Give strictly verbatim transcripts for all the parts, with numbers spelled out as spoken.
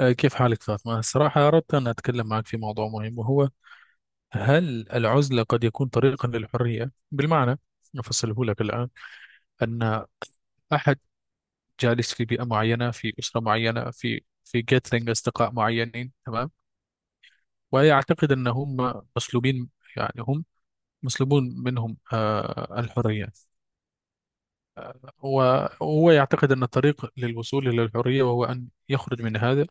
آه، كيف حالك فاطمة؟ الصراحة أردت أن أتكلم معك في موضوع مهم، وهو هل العزلة قد يكون طريقا للحرية؟ بالمعنى أفصله لك الآن. أن أحد جالس في بيئة معينة، في أسرة معينة، في في جيتلينج أصدقاء معينين، تمام؟ ويعتقد أن هم مسلوبين، يعني هم مسلوبون منهم آه، الحرية. وهو يعتقد أن الطريق للوصول إلى الحرية وهو أن يخرج من هذا،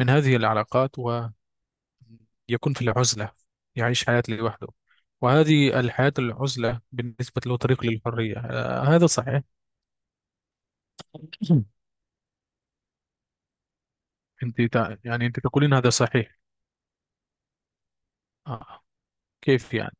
من هذه العلاقات، يكون في العزلة، يعيش حياة لوحده. وهذه الحياة العزلة بالنسبة له طريق للحرية، آه، هذا صحيح. أنت تع- يعني أنت تقولين هذا صحيح. آه. كيف يعني.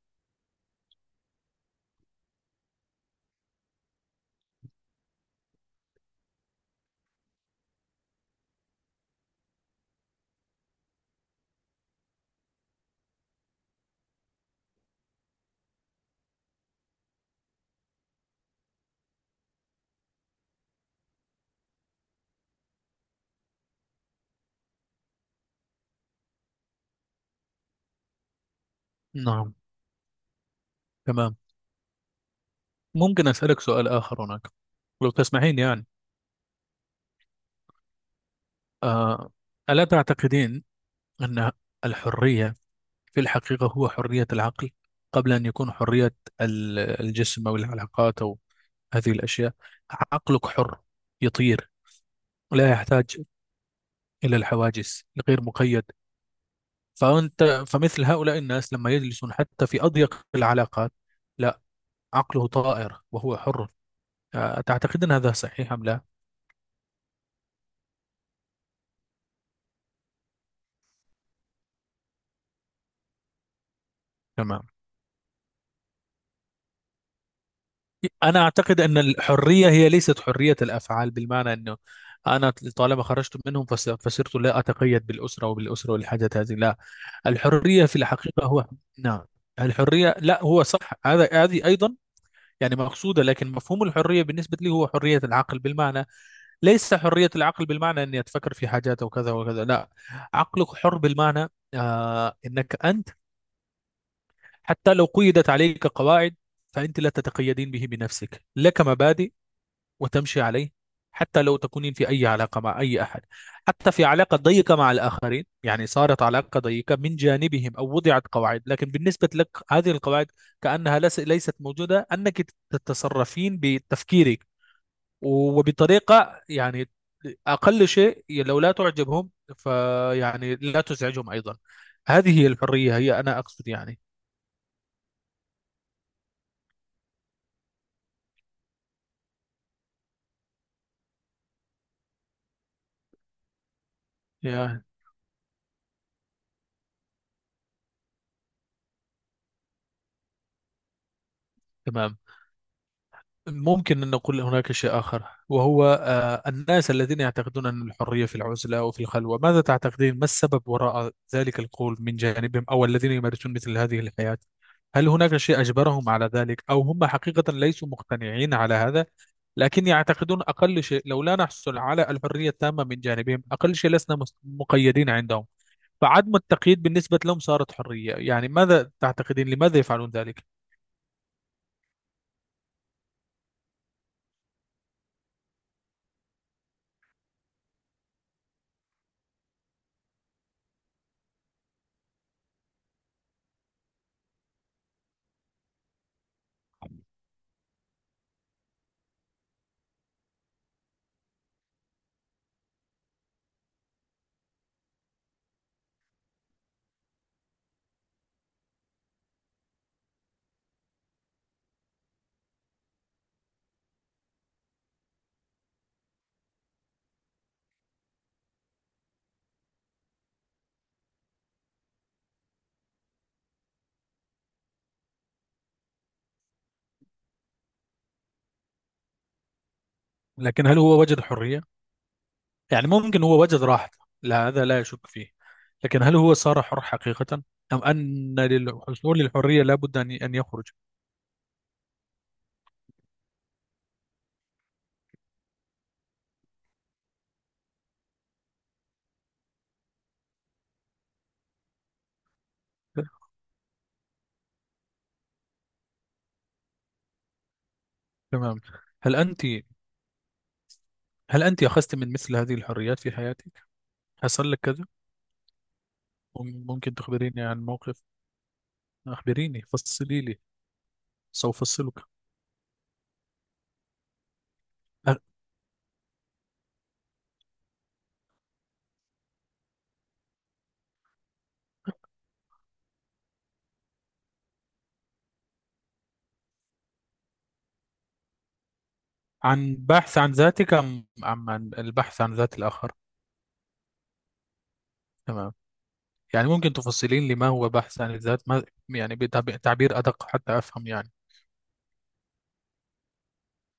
نعم، تمام. ممكن أسألك سؤال آخر هناك، لو تسمحين يعني. آه. ألا تعتقدين أن الحرية في الحقيقة هو حرية العقل، قبل أن يكون حرية ال- الجسم أو العلاقات أو هذه الأشياء. عقلك حر، يطير، لا يحتاج إلى الحواجز، الغير مقيد. فأنت فمثل هؤلاء الناس لما يجلسون حتى في أضيق العلاقات، لا، عقله طائر وهو حر. أتعتقد أن هذا صحيح أم لا؟ تمام. أنا أعتقد أن الحرية هي ليست حرية الأفعال، بالمعنى أنه أنا طالما خرجت منهم، فس- فصرت لا أتقيد بالأسرة، وبالأسرة والحاجات هذه، لا. الحرية في الحقيقة هو، نعم، الحرية، لا، هو صح، هذا، هذه أيضا يعني مقصودة. لكن مفهوم الحرية بالنسبة لي هو حرية العقل، بالمعنى ليس حرية العقل بالمعنى أني أتفكر في حاجات وكذا وكذا، لا. عقلك حر بالمعنى آه أنك أنت حتى لو قيدت عليك قواعد، فأنت لا تتقيدين به، بنفسك لك مبادئ وتمشي عليه. حتى لو تكونين في أي علاقة مع أي أحد، حتى في علاقة ضيقة مع الآخرين، يعني صارت علاقة ضيقة من جانبهم أو وضعت قواعد، لكن بالنسبة لك هذه القواعد كأنها لس- ليست موجودة، أنك تتصرفين بتفكيرك وبطريقة يعني أقل شيء لو لا تعجبهم، فيعني لا تزعجهم أيضا. هذه هي الحرية، هي أنا أقصد يعني. يا، تمام. ممكن أن نقول هناك شيء آخر، وهو آه، الناس الذين يعتقدون أن الحرية في العزلة وفي الخلوة، ماذا تعتقدين ما السبب وراء ذلك القول من جانبهم، أو الذين يمارسون مثل هذه الحياة؟ هل هناك شيء أجبرهم على ذلك، أو هم حقيقة ليسوا مقتنعين على هذا، لكن يعتقدون أقل شيء لو لا نحصل على الحرية التامة من جانبهم، أقل شيء لسنا مس- مقيدين عندهم؟ فعدم التقييد بالنسبة لهم صارت حرية. يعني ماذا تعتقدين لماذا يفعلون ذلك؟ لكن هل هو وجد حرية؟ يعني ممكن هو وجد راحته، لا هذا لا يشك فيه، لكن هل هو صار حر حقيقة، أم أن للحصول للحرية لابد أن أن يخرج؟ تمام. هل أنت هل أنت أخذت من مثل هذه الحريات في حياتك؟ حصل لك كذا؟ ممكن تخبريني عن موقف؟ أخبريني، فصلي لي، سأفصلك. أ- عن بحث عن ذاتك، أم أم عن البحث عن ذات الآخر؟ تمام. يعني ممكن تفصلين لي ما هو بحث عن الذات، ما يعني، بتعبير أدق حتى أفهم يعني؟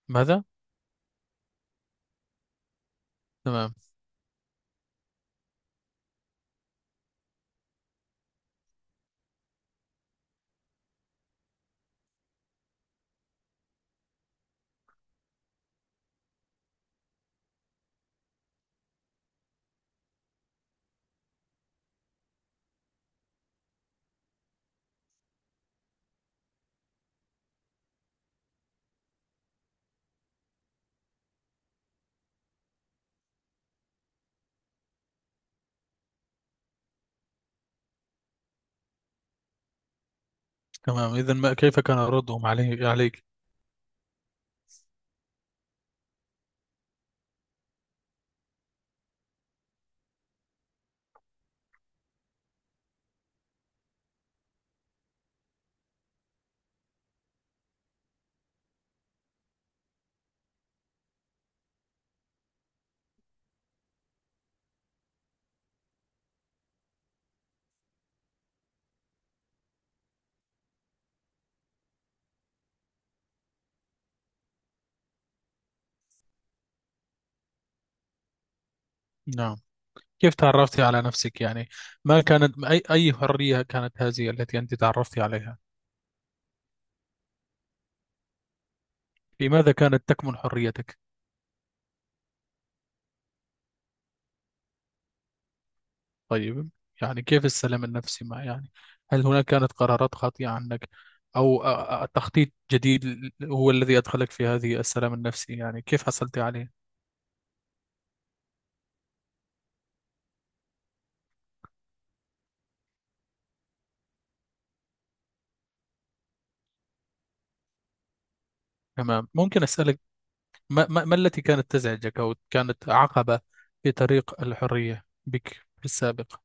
ماذا؟ تمام. تمام، إذا ما كيف كان ردهم عليه عليك؟ نعم. كيف تعرفتي على نفسك يعني؟ ما كانت، أي أي حرية كانت هذه التي أنت تعرفتي عليها؟ في ماذا كانت تكمن حريتك؟ طيب. يعني كيف السلام النفسي ما يعني؟ هل هناك كانت قرارات خاطئة عنك، أو آه، آه، تخطيط جديد ل- هو الذي أدخلك في هذه السلام النفسي؟ يعني كيف حصلت عليه؟ تمام ممكن أسألك ما, ما, ما التي كانت تزعجك أو كانت عقبة في طريق الحرية بك في السابق؟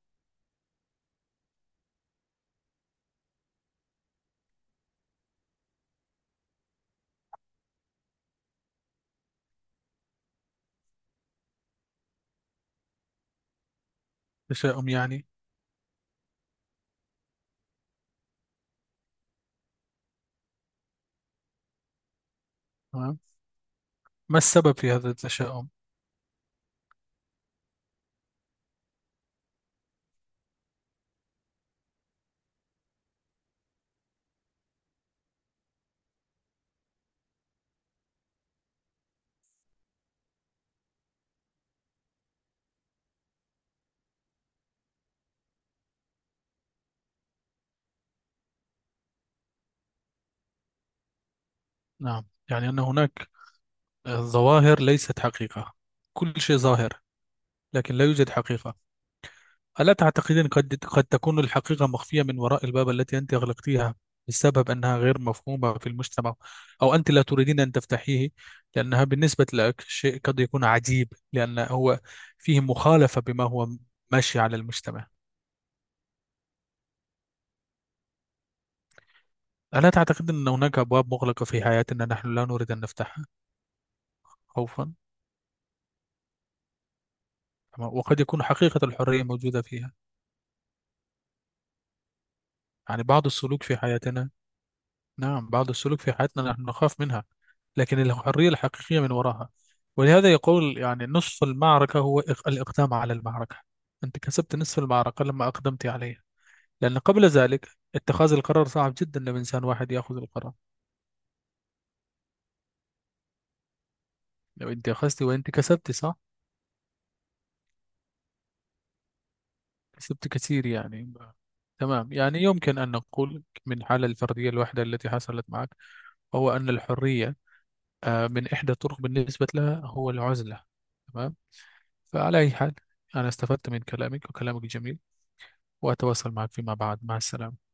تشاؤم يعني؟ تمام. ما السبب في هذا التشاؤم؟ نعم. يعني أن هناك آه، ظواهر ليست حقيقة، كل شيء ظاهر لكن لا يوجد حقيقة. ألا تعتقدين قد قد تكون الحقيقة مخفية من وراء الباب التي أنت أغلقتيها، بسبب أنها غير مفهومة في المجتمع، أو أنت لا تريدين أن تفتحيه، لأنها بالنسبة لك شيء قد يكون عجيب، لأن هو فيه مخالفة بما هو ماشي على المجتمع؟ ألا تعتقد أن هناك أبواب مغلقة في حياتنا نحن لا نريد أن نفتحها، خوفا، وقد يكون حقيقة الحرية موجودة فيها؟ يعني بعض السلوك في حياتنا، نعم، بعض السلوك في حياتنا نحن نخاف منها، لكن الحرية الحقيقية من وراها. ولهذا يقول يعني نصف المعركة هو إق- الإقدام على المعركة، أنت كسبت نصف المعركة لما أقدمت عليها. لأن قبل ذلك، اتخاذ القرار صعب جدا، لو إنسان واحد يأخذ القرار. لو أنت أخذت وأنت كسبت، صح؟ كسبت كثير يعني ب- تمام. يعني يمكن أن نقول من حالة الفردية الواحدة التي حصلت معك، هو أن الحرية آه، من إحدى الطرق بالنسبة لها هو العزلة. تمام. فعلى أي حال، أنا استفدت من كلامك وكلامك جميل، وأتواصل معك فيما بعد. مع السلامة.